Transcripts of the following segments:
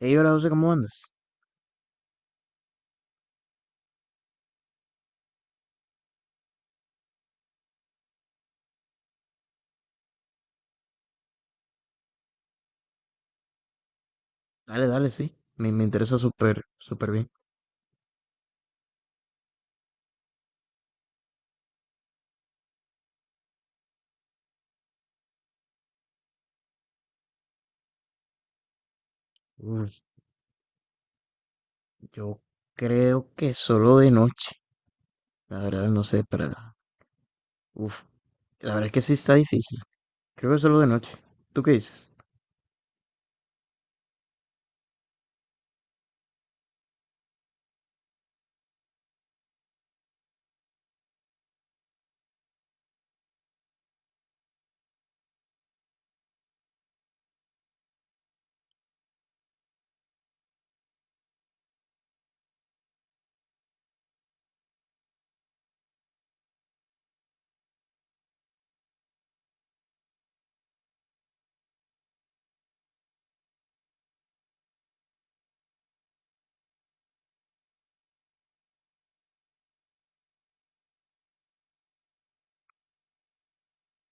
Ey, hola José, ¿cómo andas? Dale, dale, sí. Me interesa súper, súper bien. Uf, yo creo que solo de noche. La verdad, no sé, pero... Uf, la verdad es que sí está difícil. Creo que solo de noche. ¿Tú qué dices?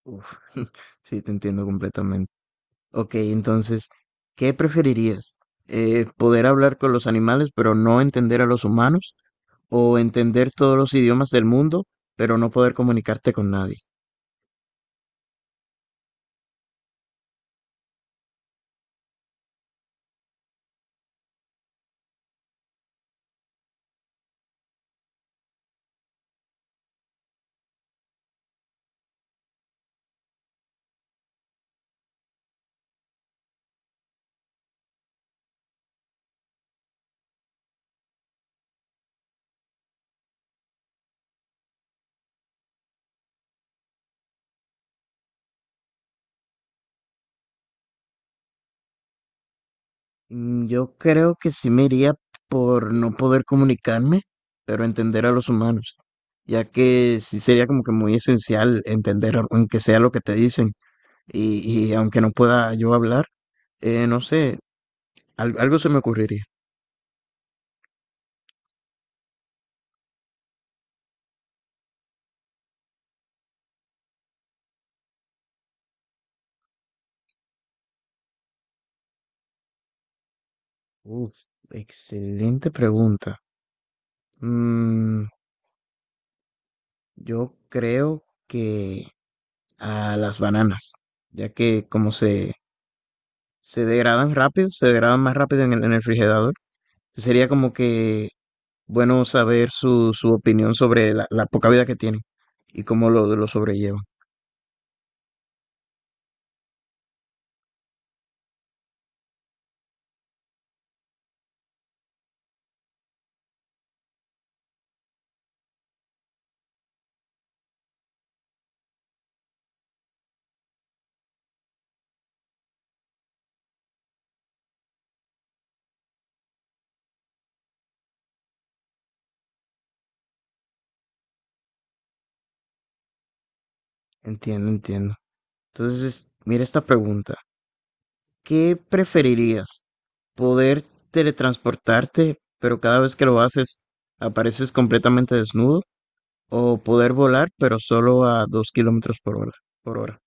Uf, sí, te entiendo completamente. Ok, entonces, ¿qué preferirías? ¿poder hablar con los animales, pero no entender a los humanos? ¿O entender todos los idiomas del mundo, pero no poder comunicarte con nadie? Mm, yo creo que sí me iría por no poder comunicarme, pero entender a los humanos, ya que sí sería como que muy esencial entender, aunque sea lo que te dicen, y aunque no pueda yo hablar, no sé, algo se me ocurriría. Uf, excelente pregunta. Mm, yo creo que a las bananas, ya que se degradan rápido, se degradan más rápido en en el refrigerador, sería como que bueno saber su opinión sobre la poca vida que tienen y cómo lo sobrellevan. Entiendo, entiendo. Entonces, mira esta pregunta. ¿Qué preferirías? ¿Poder teletransportarte, pero cada vez que lo haces apareces completamente desnudo? ¿O poder volar, pero solo a dos kilómetros por hora?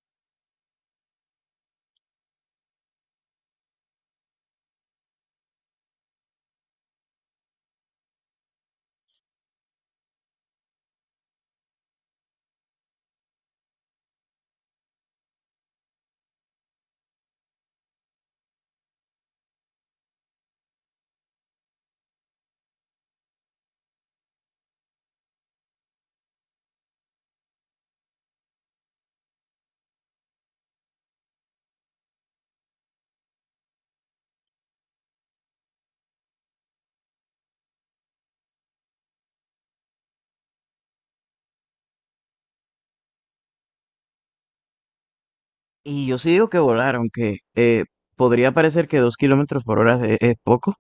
Y yo sí digo que volar, aunque podría parecer que dos kilómetros por hora es poco,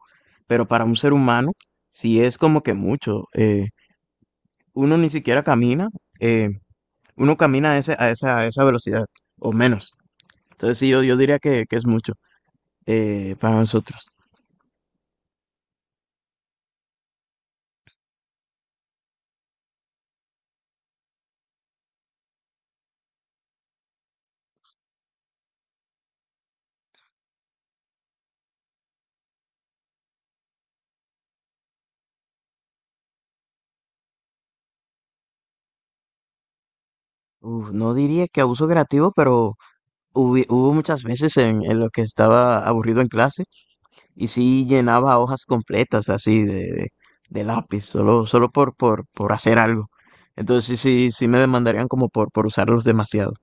pero para un ser humano sí es como que mucho. Uno ni siquiera camina, eh, uno camina a, a esa velocidad o menos. Entonces sí, yo diría que es mucho para nosotros. Uf, no diría que abuso creativo, pero hubo muchas veces en lo que estaba aburrido en clase y sí llenaba hojas completas así de lápiz, solo por hacer algo. Entonces sí, sí me demandarían como por usarlos demasiado.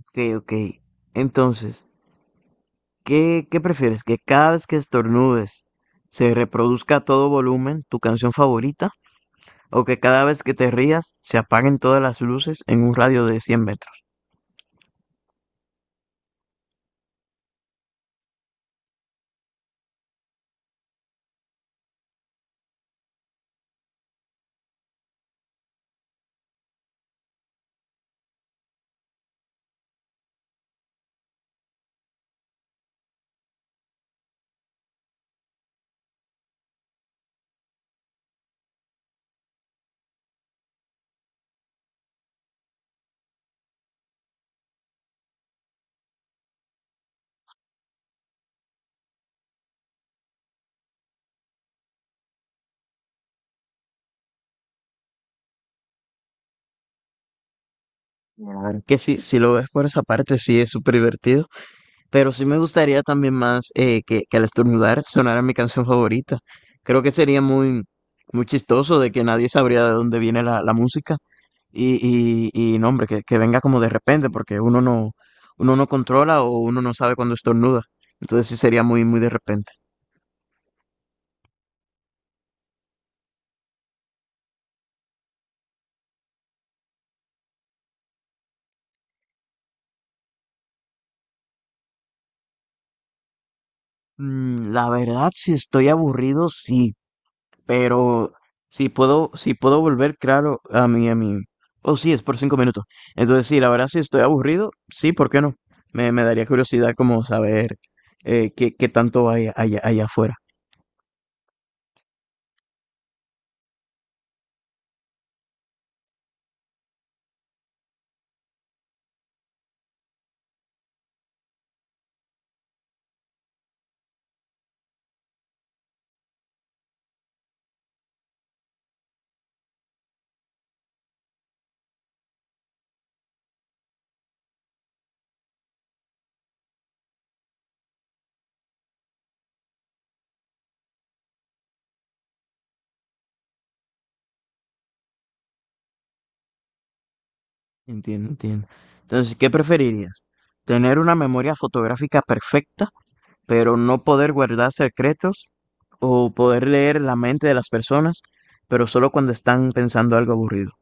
Ok, ok. Entonces, qué prefieres? ¿Que cada vez que estornudes se reproduzca a todo volumen tu canción favorita? ¿O que cada vez que te rías se apaguen todas las luces en un radio de 100 metros? La verdad que sí, si lo ves por esa parte, sí es súper divertido. Pero sí me gustaría también más que al estornudar sonara mi canción favorita. Creo que sería muy, muy chistoso de que nadie sabría de dónde viene la música. Y no, hombre, que venga como de repente, porque uno no controla o uno no sabe cuándo estornuda. Entonces sí sería muy, muy de repente. Mm, la verdad, si estoy aburrido, sí. Pero si puedo volver, claro, a mí oh, sí, es por cinco minutos. Entonces, sí, la verdad, si estoy aburrido, sí, ¿por qué no? Me daría curiosidad como saber qué, qué tanto hay allá, allá afuera. Entiendo, entiendo. Entonces, ¿qué preferirías? ¿Tener una memoria fotográfica perfecta pero no poder guardar secretos o poder leer la mente de las personas, pero solo cuando están pensando algo aburrido?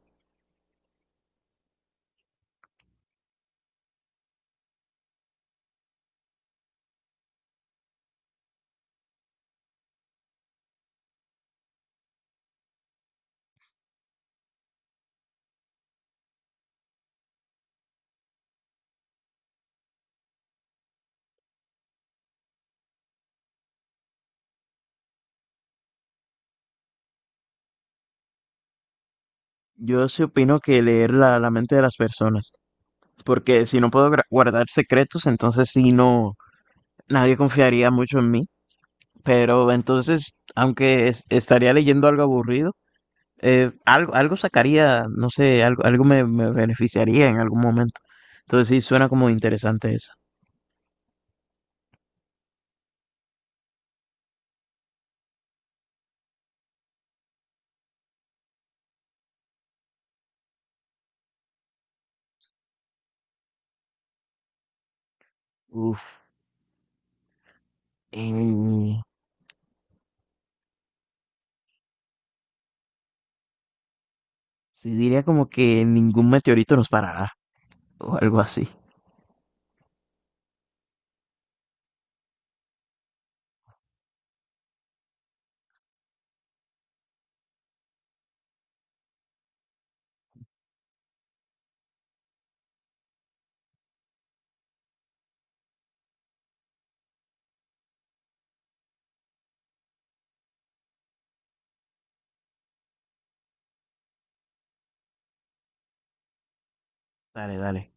Yo sí opino que leer la mente de las personas, porque si no puedo guardar secretos, entonces sí no, nadie confiaría mucho en mí, pero entonces, aunque estaría leyendo algo aburrido, algo sacaría, no sé, algo me beneficiaría en algún momento. Entonces sí suena como interesante eso. Uf. eh, Sí, diría como que ningún meteorito nos parará o algo así. Dale, dale.